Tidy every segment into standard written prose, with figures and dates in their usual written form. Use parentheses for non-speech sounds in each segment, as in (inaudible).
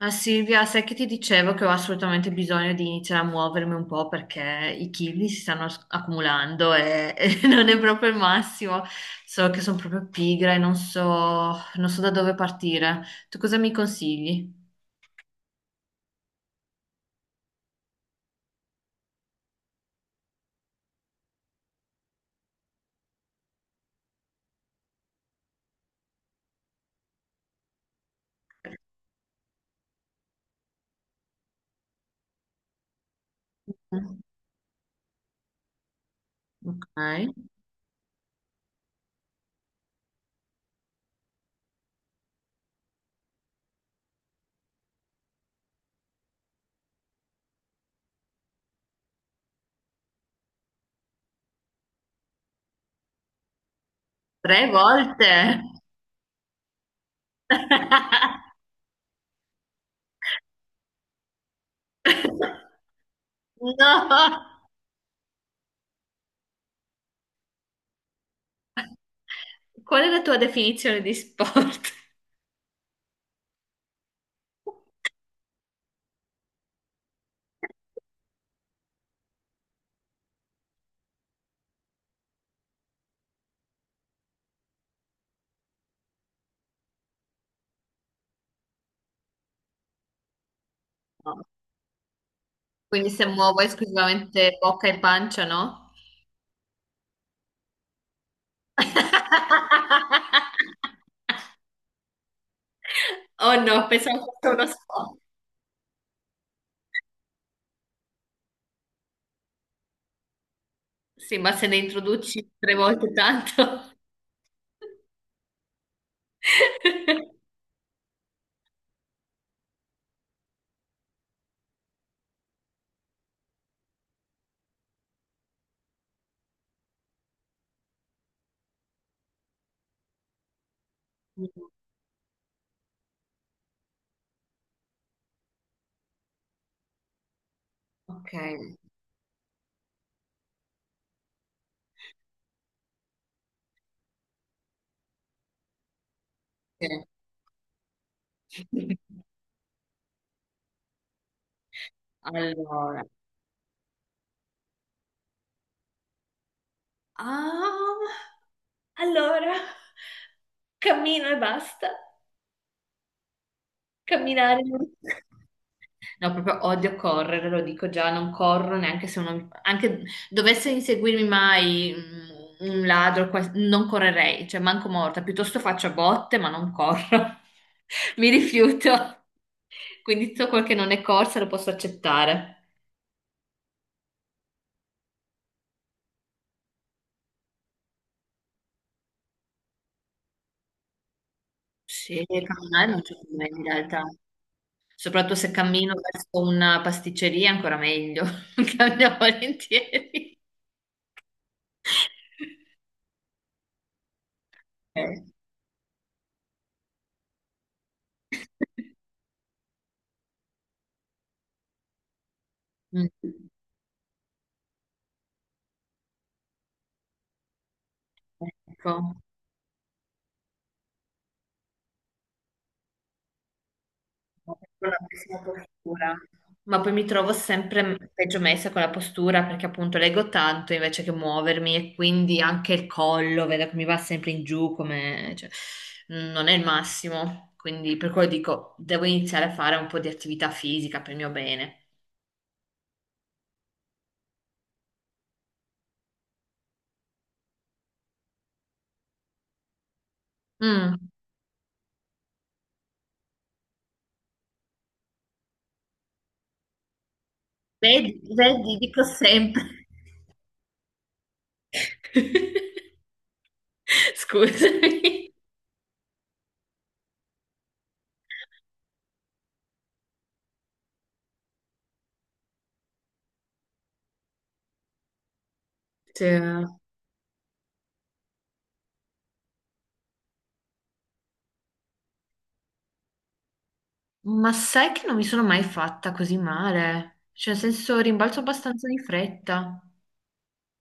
Ah Silvia, sai che ti dicevo che ho assolutamente bisogno di iniziare a muovermi un po' perché i chili si stanno accumulando e, (laughs) e non è proprio il massimo. So che sono proprio pigra e non so da dove partire. Tu cosa mi consigli? Mm, ok. Tre volte? (laughs) No! Qual è la tua definizione di sport? No. Quindi se muovo esclusivamente bocca e pancia, no? (laughs) Oh no, pensavo fosse uno spot. Sì, ma se ne introduci tre volte tanto. (laughs) Ok, sì. Allora. Ah, allora, cammino e basta. Camminare. No, proprio odio correre, lo dico già, non corro neanche se uno, anche dovesse inseguirmi mai un ladro, qual- non correrei, cioè manco morta, piuttosto faccio botte, ma non corro. (laughs) Mi rifiuto. Quindi tutto quel che non è corsa lo posso accettare. Sì, camminare non c'è problema in realtà. Soprattutto se cammino verso una pasticceria, ancora meglio. (laughs) Cammino volentieri. (laughs) Ok. Mm. Ecco. Con la pessima postura, ma poi mi trovo sempre peggio messa con la postura perché appunto leggo tanto invece che muovermi e quindi anche il collo, vedo che mi va sempre in giù, come cioè, non è il massimo, quindi per quello dico devo iniziare a fare un po' di attività fisica per il mio bene. Mm. Vedi, vedi, dico sempre. (laughs) Scusami. Sì. Ma sai che non mi sono mai fatta così male? Cioè, nel senso, rimbalzo abbastanza di fretta.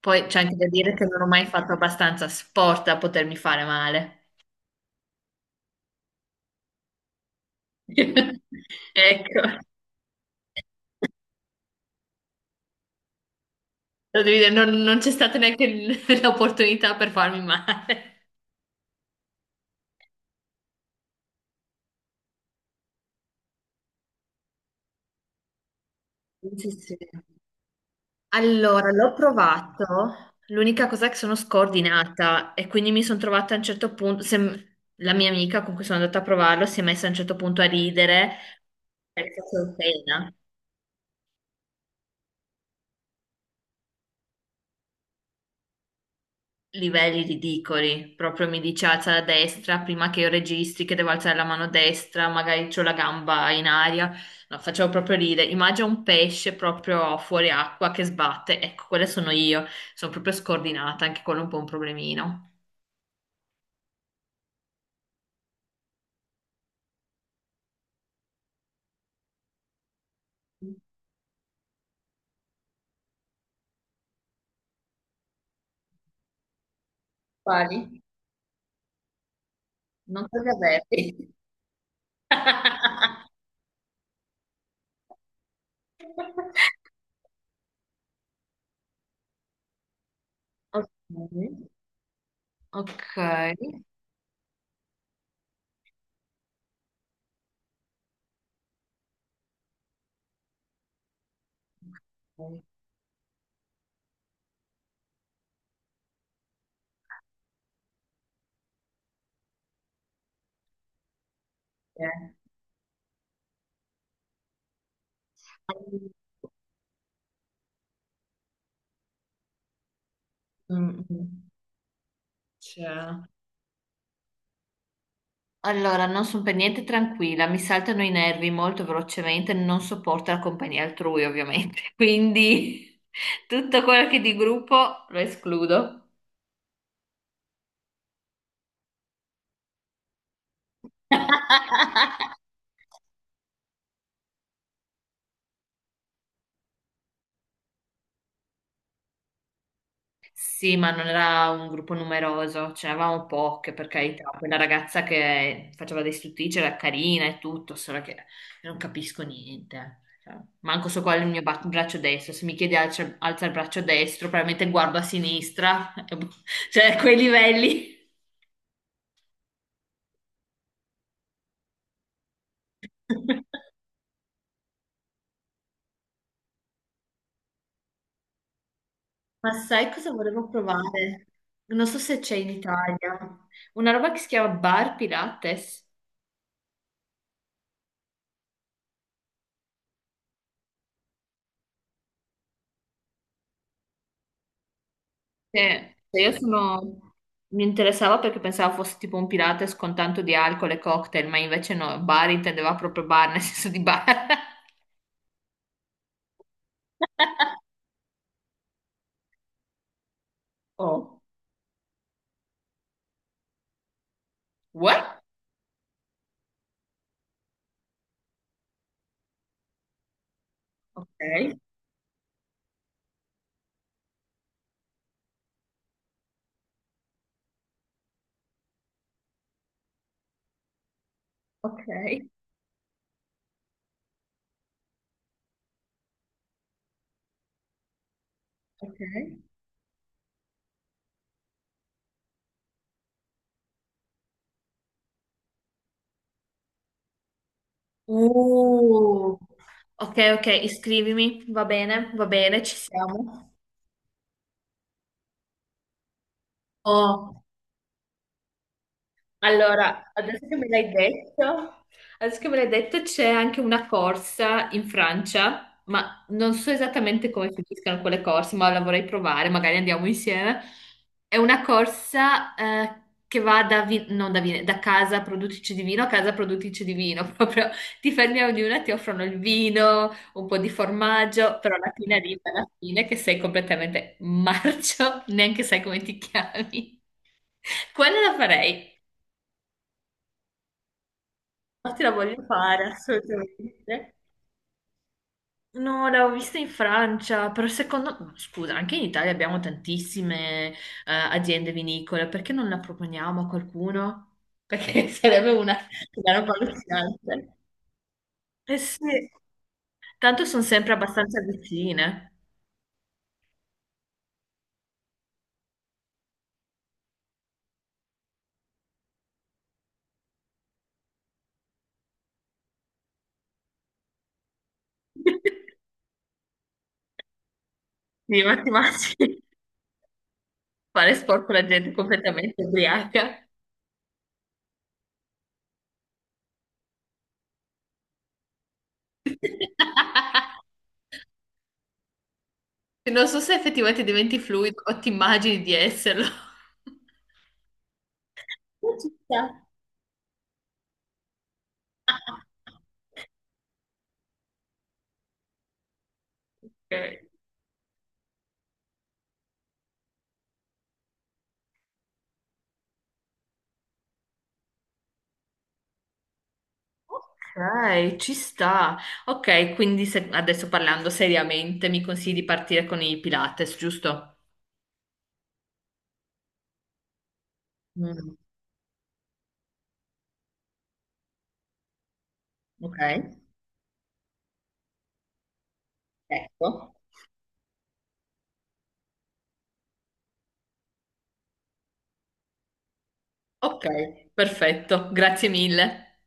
Poi c'è anche da dire che non ho mai fatto abbastanza sport da potermi fare male. (laughs) Ecco, lo devi dire, non c'è stata neanche (laughs) l'opportunità per farmi male. (laughs) Sì, sì. Allora, l'ho provato. L'unica cosa è che sono scordinata e quindi mi sono trovata a un certo punto. La mia amica con cui sono andata a provarlo si è messa a un certo punto a ridere perché facevo pena. Livelli ridicoli. Proprio mi dice alza la destra prima che io registri che devo alzare la mano destra, magari c'ho la gamba in aria. No, facevo proprio ridere. Immagina un pesce proprio fuori acqua che sbatte. Ecco, quelle sono io. Sono proprio scordinata, anche quello è un po' un problemino. Quali? Non so di averli. (laughs) Ok. Ok. Ok. Mm, mm. C'è. Allora, non sono per niente tranquilla, mi saltano i nervi molto velocemente, non sopporto la compagnia altrui, ovviamente. (laughs) Quindi tutto quello che è di gruppo lo escludo. (laughs) Sì, ma non era un gruppo numeroso, ce n'eravamo poche, per carità. Quella ragazza che faceva dei stuttici era carina e tutto, solo che io non capisco niente. Cioè, manco so qual è il mio braccio destro. Se mi chiedi alza il braccio destro, probabilmente guardo a sinistra, (laughs) cioè a quei livelli. Ma sai cosa volevo provare? Non so se c'è in Italia. Una roba che si chiama Bar Pilates. Che io sono... Mi interessava perché pensavo fosse tipo un Pilates con tanto di alcol e cocktail, ma invece no, bar intendeva proprio bar, nel senso di bar. (laughs) Oh, what? Ok, ok, ok. Uh, ok, ok, iscrivimi, va bene, ci siamo. Oh. Allora, adesso che me l'hai detto, adesso che me l'hai detto c'è anche una corsa in Francia, ma non so esattamente come finiscano quelle corse, ma la vorrei provare, magari andiamo insieme. È una corsa che va da, vi- non da, vi- da casa produttrice di vino a casa produttrice di vino, (laughs) proprio ti fermi a ognuna, ti offrono il vino, un po' di formaggio, però alla fine arriva alla fine che sei completamente marcio, (laughs) neanche sai come ti chiami. (laughs) Quella la farei. Ma te la voglio fare, assolutamente. No, l'avevo vista in Francia, però secondo me, scusa, anche in Italia abbiamo tantissime aziende vinicole, perché non la proponiamo a qualcuno? Perché (laughs) sarebbe una roba allucinante. Eh sì, tanto sono sempre abbastanza vicine. (laughs) Sì, ma ti immagini fare sport con la gente completamente ubriaca? (laughs) Non so se effettivamente diventi fluido o ti immagini di esserlo. (laughs) Ci sta. (laughs) Ok, ok, ci sta. Ok, quindi adesso parlando seriamente, mi consigli di partire con i Pilates, giusto? Mm, ok, ecco. Ok, perfetto, grazie mille.